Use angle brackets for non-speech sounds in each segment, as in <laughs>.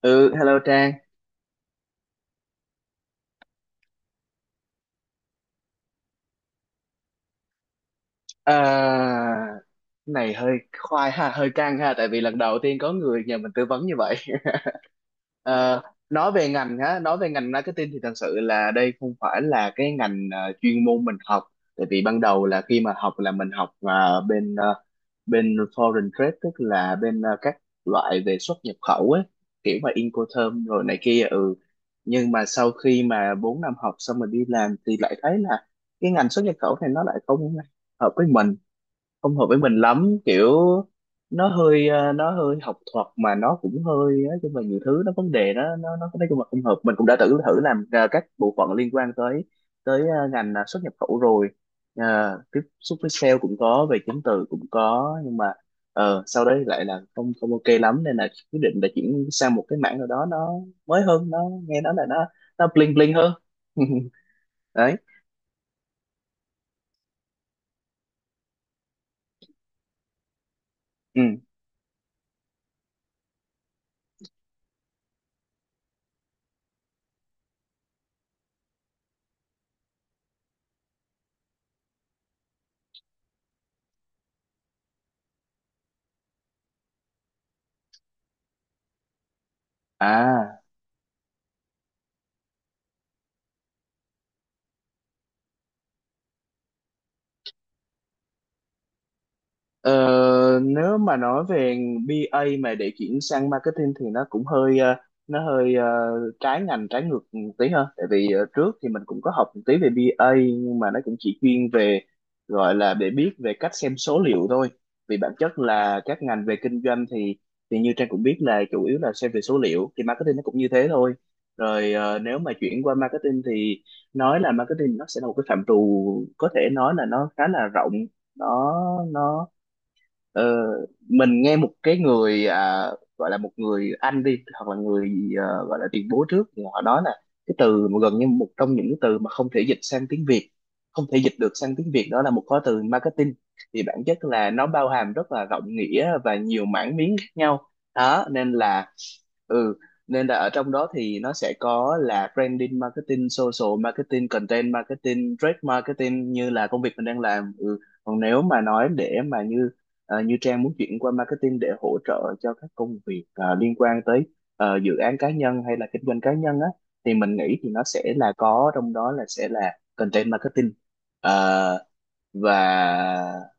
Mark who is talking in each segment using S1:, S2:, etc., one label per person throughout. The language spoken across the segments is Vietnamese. S1: Ừ, hello Trang. À, cái này hơi khoai ha, hơi căng ha, tại vì lần đầu tiên có người nhờ mình tư vấn như vậy. Ờ, nói về ngành marketing thì thật sự là đây không phải là cái ngành chuyên môn mình học. Tại vì ban đầu là khi mà học là mình học bên foreign trade, tức là các loại về xuất nhập khẩu ấy, kiểu mà Incoterm rồi này kia, ừ. Nhưng mà sau khi mà 4 năm học xong mình đi làm thì lại thấy là cái ngành xuất nhập khẩu này nó lại hợp với mình không hợp với mình lắm, kiểu nó hơi học thuật mà nó cũng hơi, nói chung là nhiều thứ, nó vấn đề, nó nói chung là không hợp. Mình cũng đã thử thử làm các bộ phận liên quan tới tới ờ, ngành xuất nhập khẩu rồi. Tiếp xúc với sale cũng có, về chứng từ cũng có, nhưng mà sau đấy lại là không không ok lắm, nên là quyết định là chuyển sang một cái mảng nào đó nó mới hơn, nó nghe nói là nó bling bling hơn. <laughs> Đấy, ừ, à. Ờ, Nếu mà nói về bê A mà để chuyển sang marketing thì nó cũng hơi nó hơi ờ, trái ngành, trái ngược một tí hơn, tại vì trước thì mình cũng có học một tí về bê A nhưng mà nó cũng chỉ chuyên về, gọi là để biết về cách xem số liệu thôi, vì bản chất là các ngành về kinh doanh thì như Trang cũng biết là chủ yếu là xem về số liệu, thì marketing nó cũng như thế thôi. Rồi nếu mà chuyển qua marketing thì, nói là marketing, nó sẽ là một cái phạm trù có thể nói là nó khá là rộng, nó nó Ờ, mình nghe một cái người, gọi là một người anh đi, hoặc là người gọi là tiền bối trước, thì họ nói là cái từ mà gần như một trong những cái từ mà không thể dịch sang tiếng Việt, không thể dịch được sang tiếng Việt, đó là một khóa từ marketing. Thì bản chất là nó bao hàm rất là rộng nghĩa và nhiều mảng miếng khác nhau đó, nên là ừ, nên là ở trong đó thì nó sẽ có là branding marketing, social marketing, content marketing, trade marketing như là công việc mình đang làm, ừ. Còn nếu mà nói để mà như Trang muốn chuyển qua marketing để hỗ trợ cho các công việc liên quan tới dự án cá nhân hay là kinh doanh cá nhân á, thì mình nghĩ thì nó sẽ là, có trong đó là sẽ là content marketing ờ, và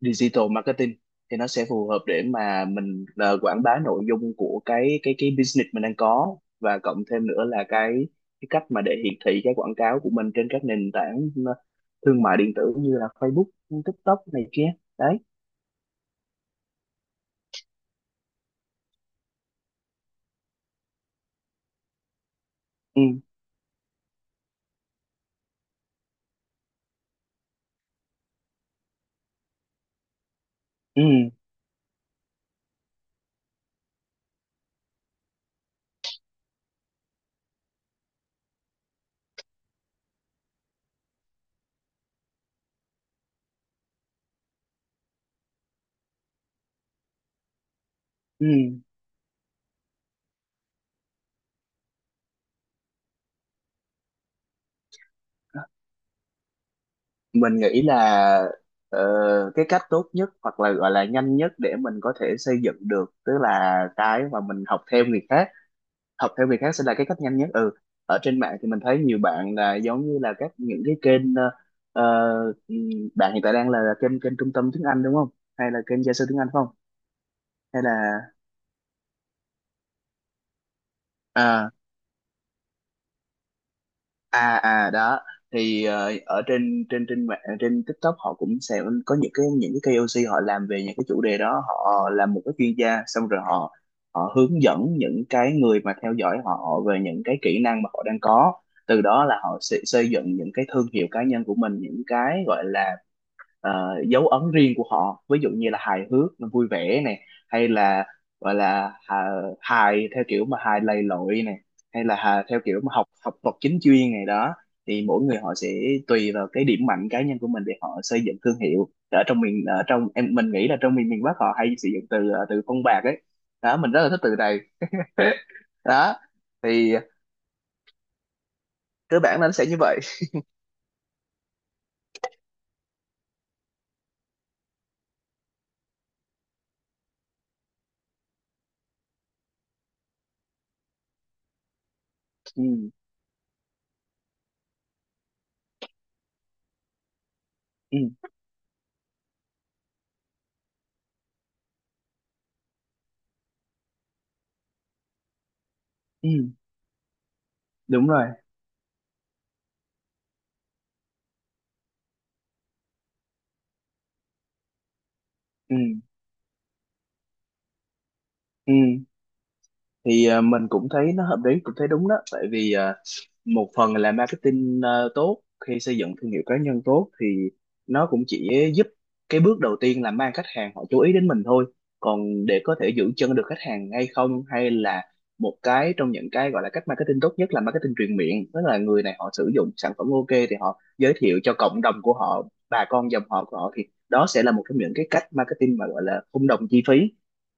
S1: digital marketing, thì nó sẽ phù hợp để mà mình quảng bá nội dung của cái business mình đang có, và cộng thêm nữa là cái cách mà để hiển thị cái quảng cáo của mình trên các nền tảng thương mại điện tử như là Facebook, TikTok này kia. Đấy, ừ. Ừ, ừ. Mình nghĩ là ờ, cái cách tốt nhất hoặc là gọi là nhanh nhất để mình có thể xây dựng được, tức là cái mà mình học theo người khác. Học theo người khác sẽ là cái cách nhanh nhất, ừ. Ở trên mạng thì mình thấy nhiều bạn là giống như là các, những cái kênh ờ, ừ, bạn hiện tại đang là kênh kênh trung tâm tiếng Anh đúng không, hay là kênh gia sư tiếng Anh phải không, hay là à, đó, thì ở trên trên trên mạng, trên TikTok, họ cũng sẽ có những cái, KOC, họ làm về những cái chủ đề đó, họ làm một cái chuyên gia, xong rồi họ, hướng dẫn những cái người mà theo dõi họ về những cái kỹ năng mà họ đang có. Từ đó là họ sẽ xây dựng những cái thương hiệu cá nhân của mình, những cái gọi là ờ, dấu ấn riêng của họ, ví dụ như là hài hước vui vẻ này, hay là gọi là hài theo kiểu mà hài lầy lội này, hay là hài theo kiểu mà học học thuật chính chuyên này đó. Thì mỗi người họ sẽ tùy vào cái điểm mạnh cá nhân của mình để họ xây dựng thương hiệu ở trong miền, ở trong em, mình nghĩ là trong miền miền Bắc họ hay sử dụng từ từ phong bạc ấy đó, mình rất là thích từ này đó, thì cơ bản là nó sẽ như vậy. Ừ, ừ, ừ, đúng rồi, ừ, ừ. Thì mình cũng thấy nó hợp lý, cũng thấy đúng đó, tại vì một phần là marketing tốt, khi xây dựng thương hiệu cá nhân tốt thì nó cũng chỉ giúp cái bước đầu tiên là mang khách hàng họ chú ý đến mình thôi, còn để có thể giữ chân được khách hàng hay không, hay là một cái trong những cái gọi là cách marketing tốt nhất là marketing truyền miệng, tức là người này họ sử dụng sản phẩm ok thì họ giới thiệu cho cộng đồng của họ, bà con dòng họ của họ. Thì đó sẽ là một trong những cái cách marketing mà gọi là không đồng chi phí,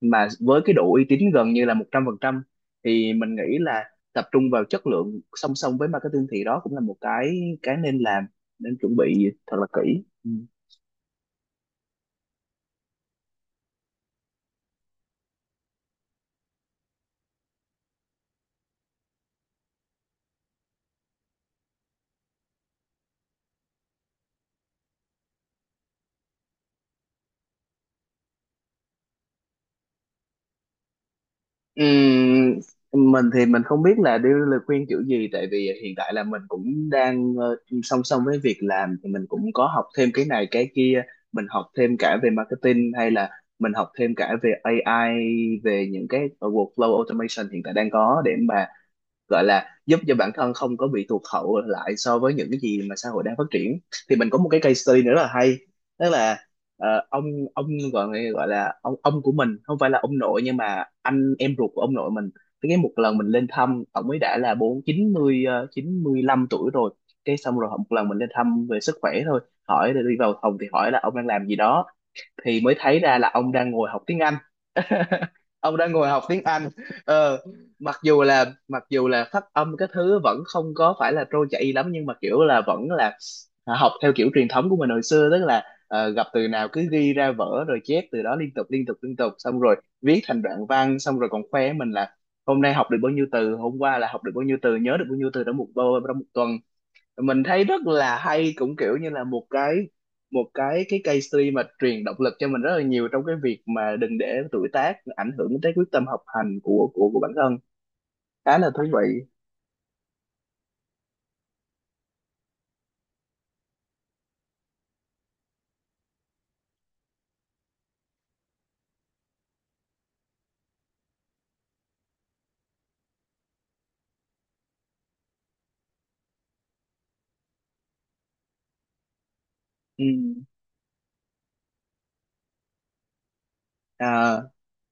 S1: mà với cái độ uy tín gần như là 100%. Thì mình nghĩ là tập trung vào chất lượng song song với marketing thì đó cũng là một cái nên làm, nên chuẩn bị thật là kỹ. Ừ. Mình thì mình không biết là đưa lời khuyên kiểu gì, tại vì hiện tại là mình cũng đang song song với việc làm thì mình cũng có học thêm cái này cái kia. Mình học thêm cả về marketing, hay là mình học thêm cả về AI, về những cái workflow automation hiện tại đang có, để mà gọi là giúp cho bản thân không có bị tụt hậu lại so với những cái gì mà xã hội đang phát triển. Thì mình có một cái case study nữa rất là hay, tức là ờ, ông ông gọi gọi là ông của mình, không phải là ông nội nhưng mà anh em ruột của ông nội mình. Cái, một lần mình lên thăm, ông ấy đã là bốn chín mươi ờ, 95 tuổi rồi, cái xong rồi một lần mình lên thăm về sức khỏe thôi, hỏi, đi vào phòng thì hỏi là ông đang làm gì đó, thì mới thấy ra là ông đang ngồi học tiếng Anh. <laughs> Ông đang ngồi học tiếng Anh, ờ, mặc dù là phát âm cái thứ vẫn không có phải là trôi chảy lắm, nhưng mà kiểu là vẫn là học theo kiểu truyền thống của mình hồi xưa, tức là gặp từ nào cứ ghi ra vở rồi chép từ đó liên tục liên tục liên tục, xong rồi viết thành đoạn văn, xong rồi còn khoe mình là hôm nay học được bao nhiêu từ, hôm qua là học được bao nhiêu từ, nhớ được bao nhiêu từ trong một bao, trong một tuần. Mình thấy rất là hay, cũng kiểu như là một cái, case study mà truyền động lực cho mình rất là nhiều trong cái việc mà đừng để tuổi tác ảnh hưởng tới quyết tâm học hành của của bản thân. Khá là thú vị, ừ. À,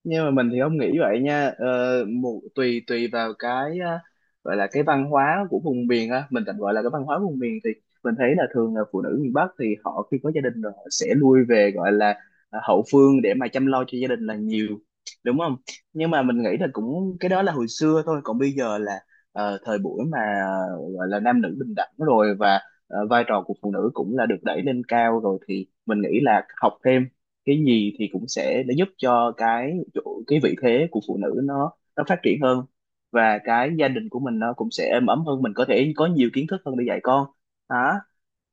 S1: nhưng mà mình thì không nghĩ vậy nha, tùy tùy vào cái á, gọi là cái văn hóa của vùng miền á, mình tạm gọi là cái văn hóa vùng miền, thì mình thấy là thường là phụ nữ miền Bắc thì họ khi có gia đình rồi họ sẽ lui về, gọi là hậu phương để mà chăm lo cho gia đình là nhiều, đúng không. Nhưng mà mình nghĩ là cũng, cái đó là hồi xưa thôi, còn bây giờ là thời buổi mà gọi là nam nữ bình đẳng rồi, và vai trò của phụ nữ cũng là được đẩy lên cao rồi, thì mình nghĩ là học thêm cái gì thì cũng sẽ để giúp cho cái chỗ, cái vị thế của phụ nữ nó phát triển hơn, và cái gia đình của mình nó cũng sẽ êm ấm hơn, mình có thể có nhiều kiến thức hơn để dạy con đó.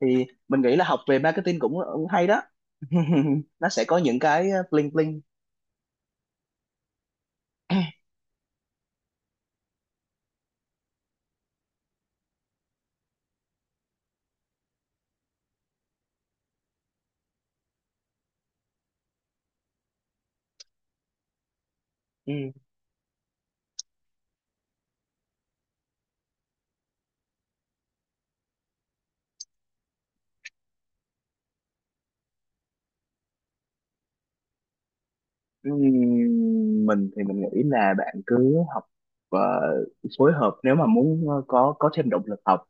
S1: Thì mình nghĩ là học về marketing cũng hay đó. <laughs> Nó sẽ có những cái bling bling. <clears throat> Ừ. Ừm, mình thì mình nghĩ là bạn cứ học ờ, phối hợp. Nếu mà muốn có thêm động lực học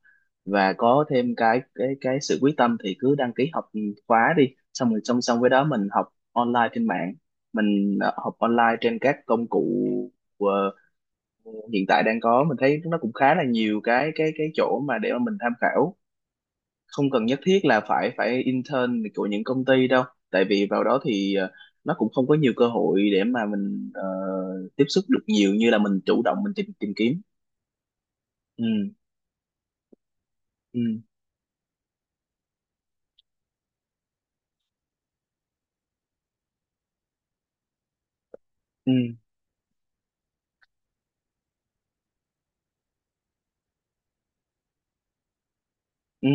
S1: và có thêm cái sự quyết tâm thì cứ đăng ký học khóa đi, xong rồi song song với đó mình học online trên mạng, mình học online trên các công cụ ờ, hiện tại đang có. Mình thấy nó cũng khá là nhiều cái chỗ mà để mà mình tham khảo, không cần nhất thiết là phải phải intern của những công ty đâu, tại vì vào đó thì nó cũng không có nhiều cơ hội để mà mình tiếp xúc được nhiều như là mình chủ động mình tìm tìm kiếm, ừ. Ừ, ừ, ừ,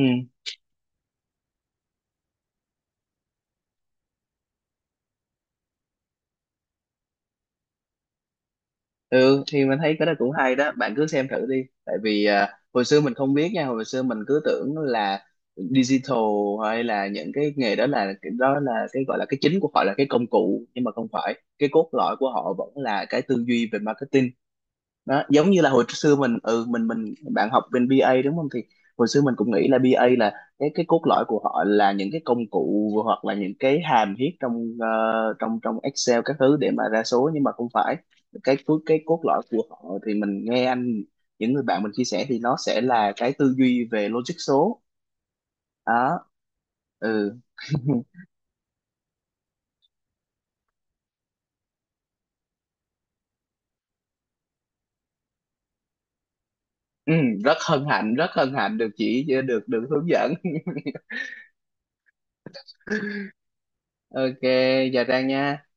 S1: ừ. Thì mình thấy cái đó cũng hay đó, bạn cứ xem thử đi, tại vì hồi xưa mình không biết nha, hồi xưa mình cứ tưởng là digital hay là những cái nghề đó là, cái đó là cái gọi là cái chính của họ là cái công cụ, nhưng mà không phải, cái cốt lõi của họ vẫn là cái tư duy về marketing đó. Giống như là hồi xưa mình, bạn học bên BA đúng không, thì hồi xưa mình cũng nghĩ là BA là, cái cốt lõi của họ là những cái công cụ, hoặc là những cái hàm viết trong trong trong Excel các thứ để mà ra số, nhưng mà không phải, cái phước cái cốt lõi của họ, thì mình nghe anh, những người bạn mình chia sẻ thì nó sẽ là cái tư duy về logic số đó, ừ. <laughs> Ừ, rất hân hạnh, rất hân hạnh được được được hướng dẫn. <laughs> Ok, chào Trang nha.